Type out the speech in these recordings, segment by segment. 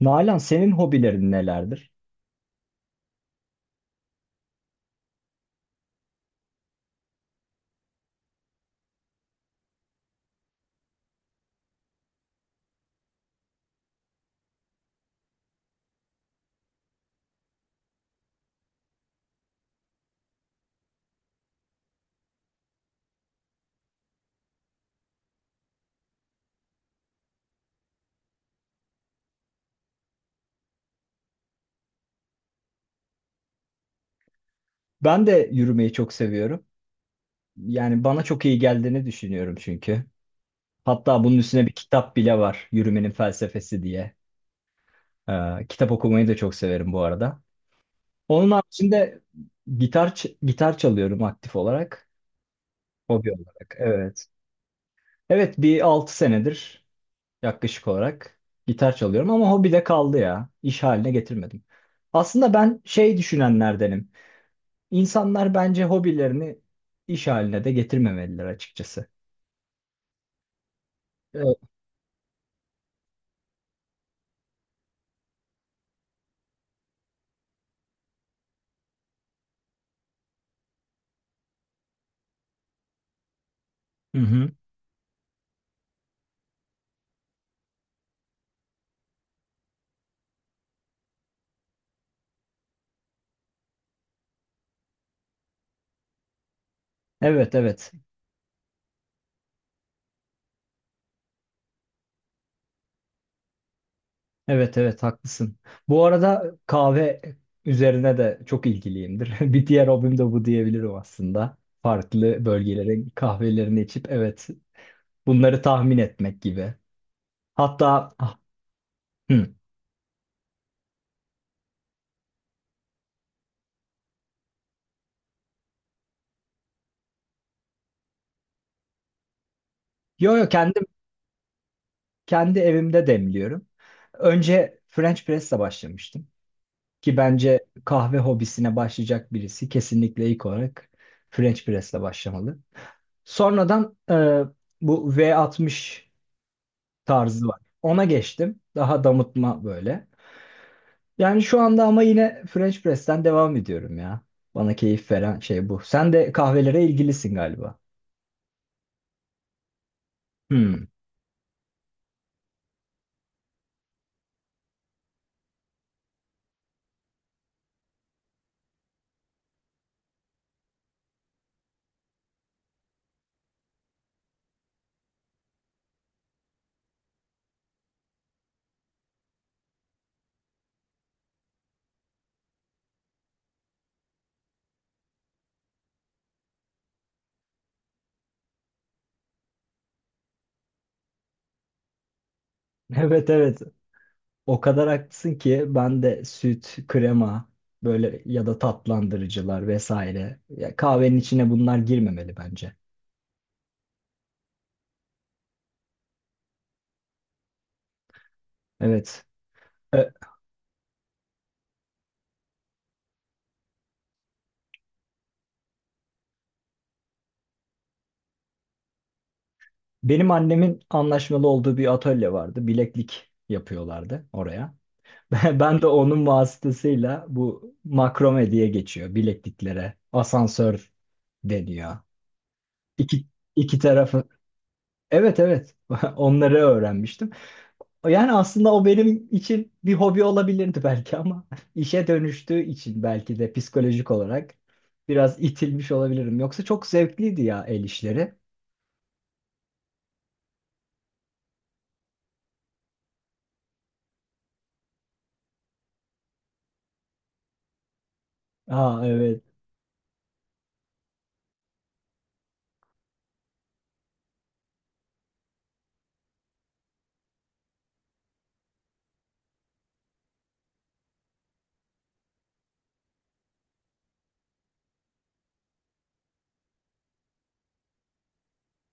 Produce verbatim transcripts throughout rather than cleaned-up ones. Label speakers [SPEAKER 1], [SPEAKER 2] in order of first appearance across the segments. [SPEAKER 1] Nalan, senin hobilerin nelerdir? Ben de yürümeyi çok seviyorum. Yani bana çok iyi geldiğini düşünüyorum çünkü. Hatta bunun üstüne bir kitap bile var. Yürümenin felsefesi diye. Ee, kitap okumayı da çok severim bu arada. Onun haricinde gitar ç- gitar çalıyorum aktif olarak. Hobi olarak. Evet. Evet, bir altı senedir yaklaşık olarak gitar çalıyorum ama hobi de kaldı ya. İş haline getirmedim. Aslında ben şey düşünenlerdenim. İnsanlar bence hobilerini iş haline de getirmemeliler açıkçası. Evet. Hı hı. Evet, evet. Evet, evet, haklısın. Bu arada kahve üzerine de çok ilgiliyimdir. Bir diğer hobim de bu diyebilirim aslında. Farklı bölgelerin kahvelerini içip evet bunları tahmin etmek gibi. Hatta ah, hı. Yo yo, kendim kendi evimde demliyorum. Önce French press'le başlamıştım. Ki bence kahve hobisine başlayacak birisi kesinlikle ilk olarak French press'le başlamalı. Sonradan e, bu V altmış tarzı var. Ona geçtim. Daha damıtma böyle. Yani şu anda ama yine French press'ten devam ediyorum ya. Bana keyif veren şey bu. Sen de kahvelere ilgilisin galiba. Hmm. Evet, evet. O kadar haklısın ki ben de süt, krema böyle ya da tatlandırıcılar vesaire. Ya kahvenin içine bunlar girmemeli bence. Evet. E, Benim annemin anlaşmalı olduğu bir atölye vardı. Bileklik yapıyorlardı oraya. Ben ben de onun vasıtasıyla bu makrome diye geçiyor bilekliklere. Asansör deniyor. İki, iki tarafı. Evet, evet, onları öğrenmiştim. Yani aslında o benim için bir hobi olabilirdi belki ama işe dönüştüğü için belki de psikolojik olarak biraz itilmiş olabilirim. Yoksa çok zevkliydi ya el işleri. Aa evet.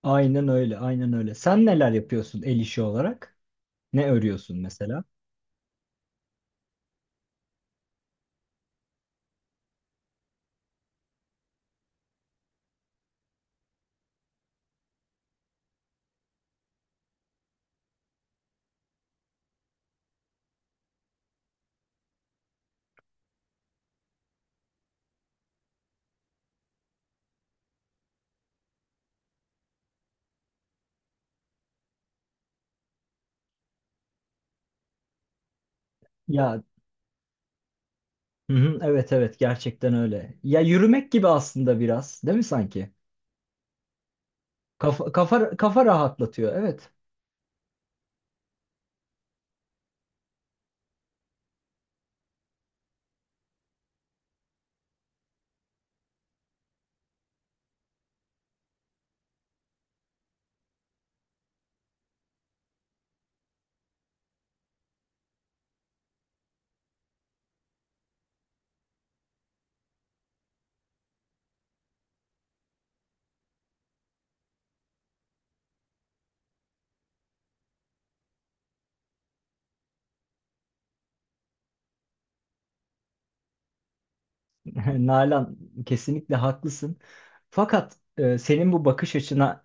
[SPEAKER 1] Aynen öyle, aynen öyle. Sen neler yapıyorsun el işi olarak? Ne örüyorsun mesela? Ya hı hı, evet evet, gerçekten öyle. Ya yürümek gibi aslında biraz, değil mi sanki? Kafa kafa kafa rahatlatıyor. Evet. Nalan, kesinlikle haklısın. Fakat e, senin bu bakış açına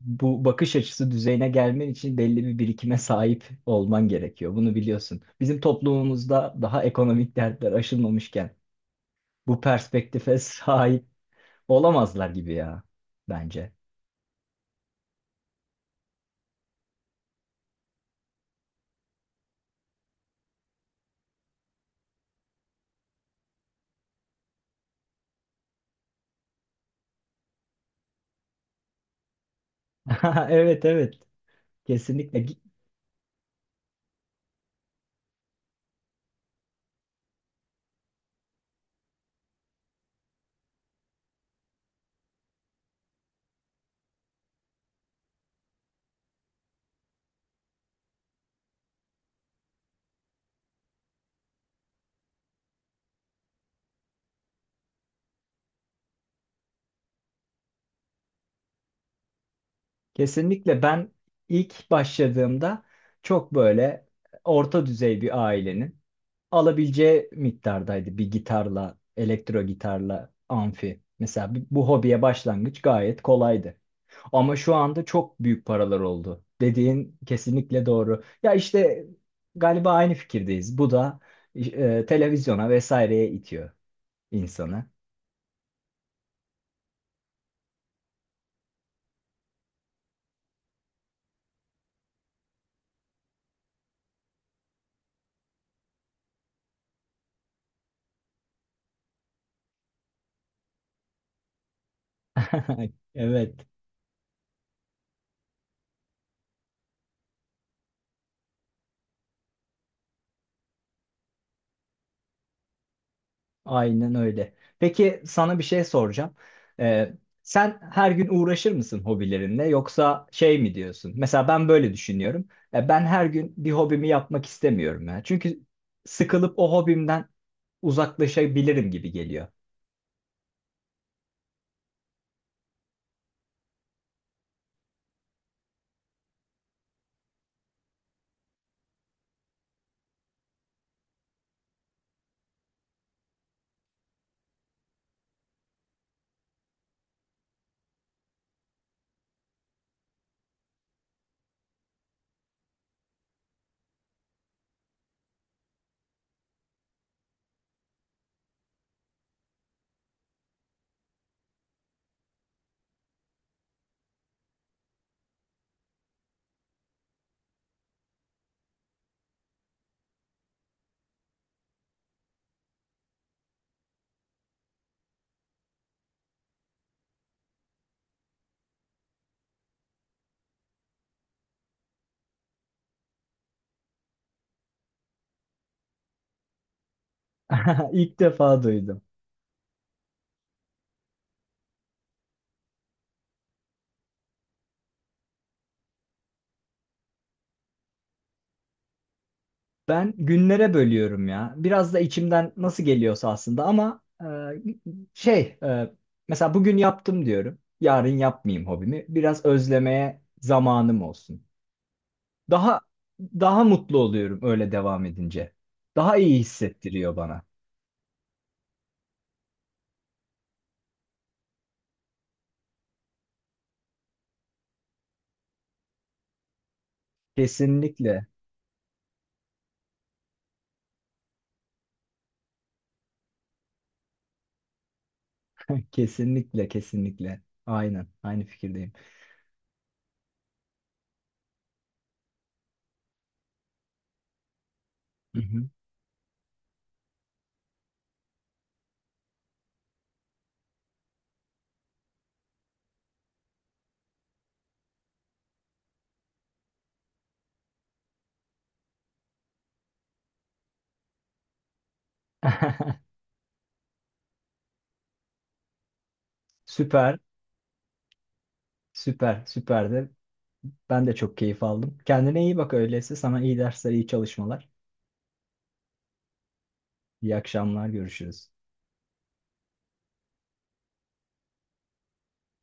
[SPEAKER 1] bu bakış açısı düzeyine gelmen için belli bir birikime sahip olman gerekiyor. Bunu biliyorsun. Bizim toplumumuzda daha ekonomik dertler aşılmamışken bu perspektife sahip olamazlar gibi ya bence. Evet, evet, kesinlikle, kesinlikle, ben ilk başladığımda çok böyle orta düzey bir ailenin alabileceği miktardaydı bir gitarla, elektro gitarla, amfi. Mesela bu bu hobiye başlangıç gayet kolaydı. Ama şu anda çok büyük paralar oldu. Dediğin kesinlikle doğru. Ya işte galiba aynı fikirdeyiz. Bu da e, televizyona vesaireye itiyor insanı. Evet, aynen öyle. Peki sana bir şey soracağım. Ee, Sen her gün uğraşır mısın hobilerinle yoksa şey mi diyorsun? Mesela ben böyle düşünüyorum. E, ben her gün bir hobimi yapmak istemiyorum ya. Çünkü sıkılıp o hobimden uzaklaşabilirim gibi geliyor. İlk defa duydum. Ben günlere bölüyorum ya. Biraz da içimden nasıl geliyorsa aslında ama e, şey e, mesela bugün yaptım diyorum. Yarın yapmayayım hobimi. Biraz özlemeye zamanım olsun. Daha daha mutlu oluyorum öyle devam edince. Daha iyi hissettiriyor bana. Kesinlikle. Kesinlikle, kesinlikle. Aynen, aynı fikirdeyim. Hı hı. Süper, süper, süper de. Ben de çok keyif aldım. Kendine iyi bak öyleyse. Sana iyi dersler, iyi çalışmalar. İyi akşamlar, görüşürüz.